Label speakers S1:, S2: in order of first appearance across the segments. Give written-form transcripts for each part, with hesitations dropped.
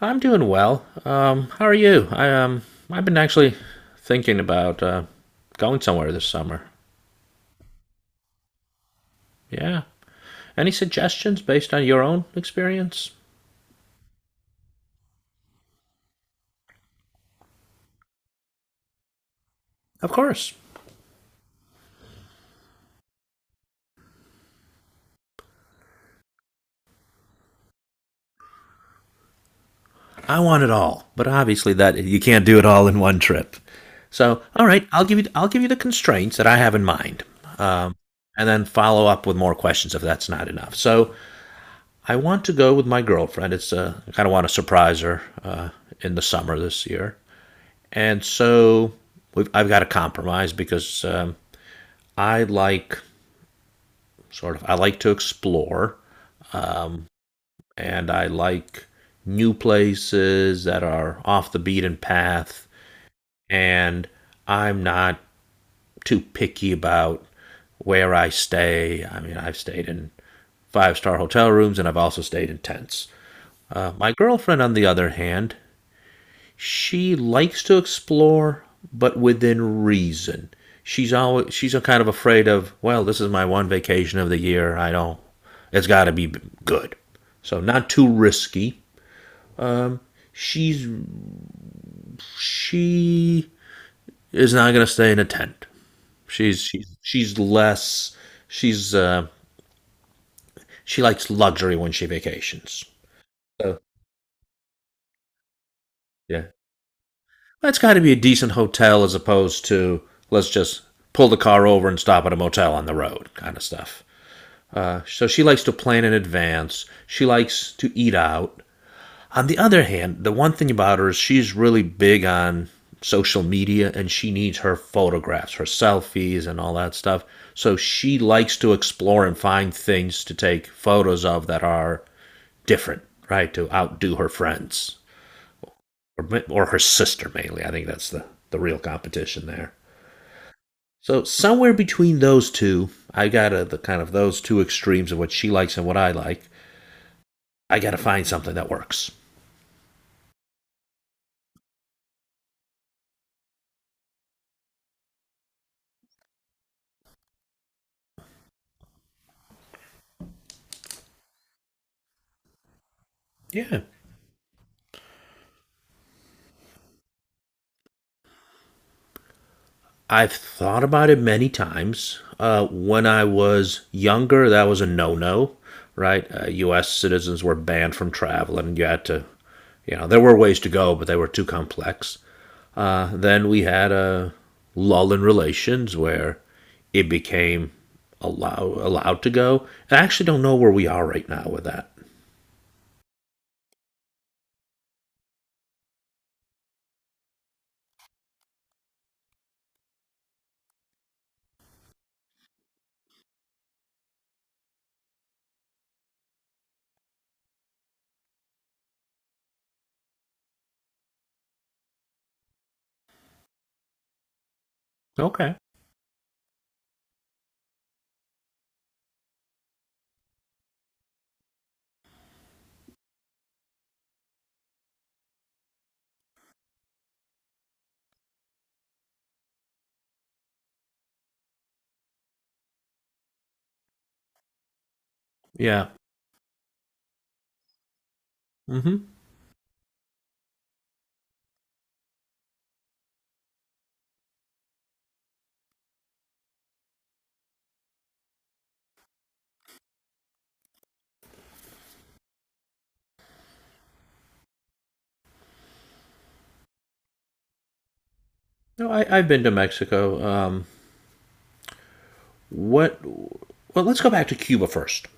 S1: I'm doing well. How are you? I've been actually thinking about going somewhere this summer. Yeah. Any suggestions based on your own experience? Of course. I want it all, but obviously that you can't do it all in one trip. So, all right, I'll give you the constraints that I have in mind, um, and then follow up with more questions if that's not enough. So, I want to go with my girlfriend. It's I kind of want to surprise her in the summer this year. And so I've got to compromise because I like I like to explore, um, and I like new places that are off the beaten path, and I'm not too picky about where I stay. I mean, I've stayed in five-star hotel rooms and I've also stayed in tents. My girlfriend, on the other hand, she likes to explore, but within reason. She's a kind of afraid of. Well, this is my one vacation of the year. I don't. It's got to be good. So not too risky. She's she is not going to stay in a tent. She's less. She's she likes luxury when she vacations. So yeah, that's got to be a decent hotel as opposed to let's just pull the car over and stop at a motel on the road kind of stuff. So she likes to plan in advance. She likes to eat out. On the other hand, the one thing about her is she's really big on social media and she needs her photographs, her selfies, and all that stuff. So she likes to explore and find things to take photos of that are different, right? To outdo her friends or her sister mainly. I think that's the real competition there. So somewhere between those two, the kind of those two extremes of what she likes and what I like. I got to find something that works. Yeah. I've thought about it many times. When I was younger, that was a no-no, right? U.S. citizens were banned from traveling. You had to, there were ways to go, but they were too complex. Then we had a lull in relations where it became allowed to go. I actually don't know where we are right now with that. Okay. Yeah. Mm-hmm. No, I, I've been to Mexico. What? Well, let's go back to Cuba first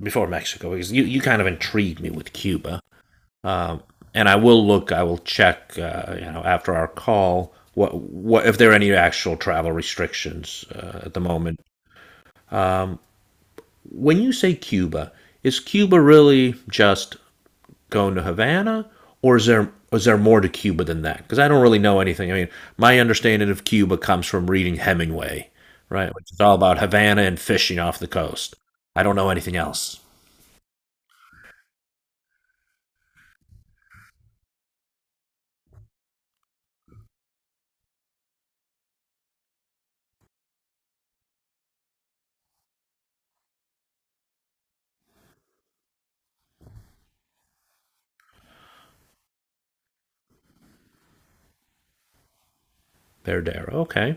S1: before Mexico because you kind of intrigued me with Cuba. Um, and I will look. I will check. You know, after our call, what if there are any actual travel restrictions at the moment? When you say Cuba, is Cuba really just going to Havana, or is there more to Cuba than that? Because I don't really know anything. I mean, my understanding of Cuba comes from reading Hemingway, right? Which is all about Havana and fishing off the coast. I don't know anything else. Verdero. Okay.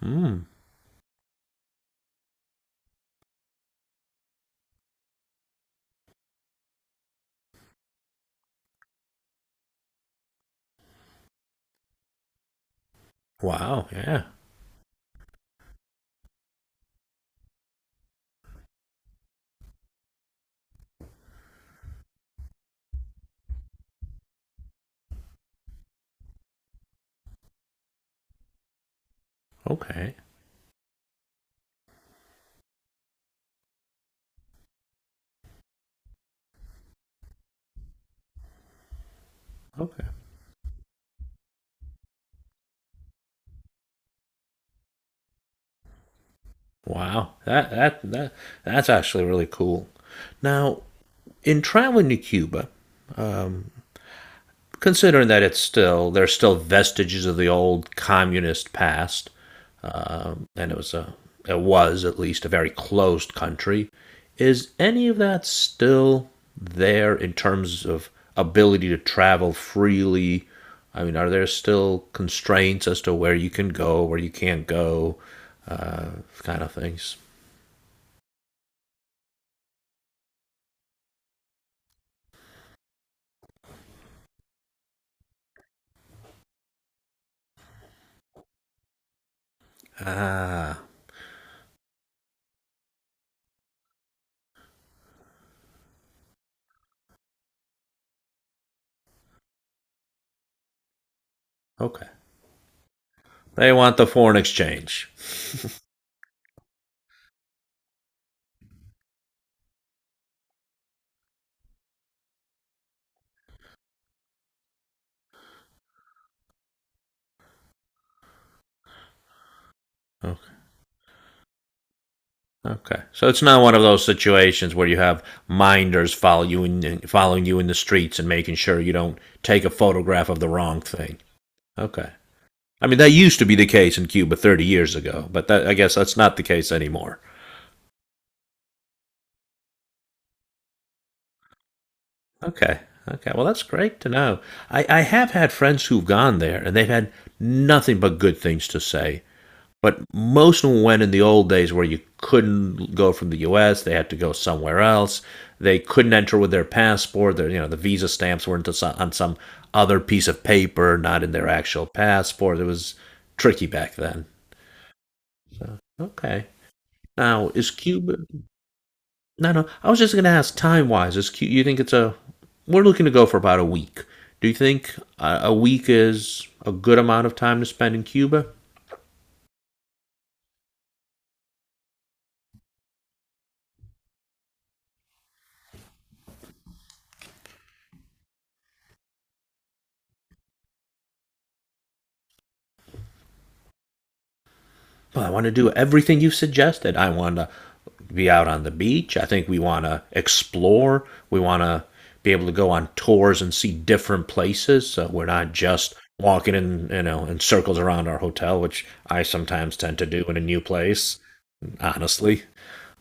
S1: Hmm. Wow. Yeah. Okay. Okay. Wow. That's actually really cool. Now, in traveling to Cuba, um, considering that it's still there's still vestiges of the old communist past, and it was at least a very closed country. Is any of that still there in terms of ability to travel freely? I mean, are there still constraints as to where you can go, where you can't go, uh, kind of things? Ah, okay. They want the foreign exchange. Oh, okay, so it's not one of those situations where you have minders follow you in, following you in the streets and making sure you don't take a photograph of the wrong thing. Okay, I mean that used to be the case in Cuba 30 years ago, but that, I guess that's not the case anymore. Okay, okay, well that's great to know. I have had friends who've gone there and they've had nothing but good things to say. But most of them went in the old days where you couldn't go from the U.S. They had to go somewhere else. They couldn't enter with their passport. You know, the visa stamps were on some other piece of paper, not in their actual passport. It was tricky back then. Okay. Now is Cuba? No, no. I was just going to ask time wise. Is Cuba? You think it's a? We're looking to go for about a week. Do you think a week is a good amount of time to spend in Cuba? Well, I want to do everything you suggested. I want to be out on the beach. I think we want to explore. We want to be able to go on tours and see different places. So we're not just walking in, you know, in circles around our hotel, which I sometimes tend to do in a new place, honestly.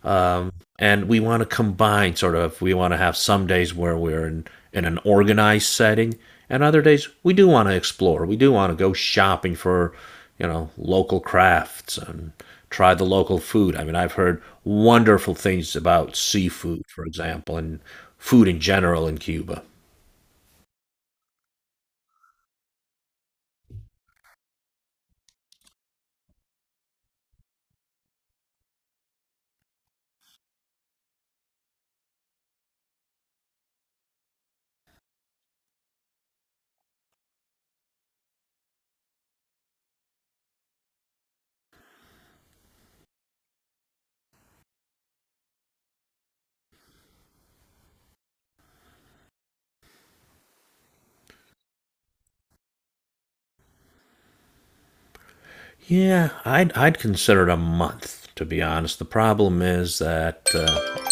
S1: Um, and we want to combine we want to have some days where we're in an organized setting, and other days we do want to explore. We do want to go shopping for, you know, local crafts and try the local food. I mean, I've heard wonderful things about seafood, for example, and food in general in Cuba. Yeah, I'd consider it a month, to be honest. The problem is that.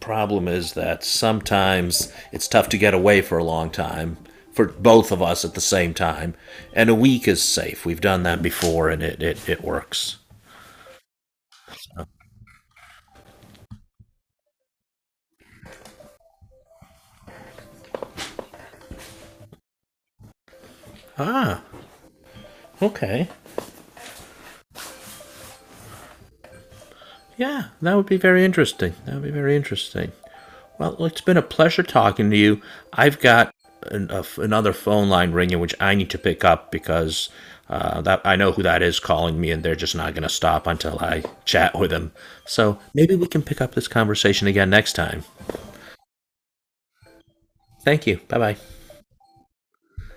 S1: Problem is that sometimes it's tough to get away for a long time for both of us at the same time, and a week is safe. We've done that before, and it works. Ah, okay. Yeah, that would be very interesting. That would be very interesting. Well, it's been a pleasure talking to you. I've got another phone line ringing, which I need to pick up because that I know who that is calling me, and they're just not going to stop until I chat with them. So maybe we can pick up this conversation again next time. Thank you. Bye bye.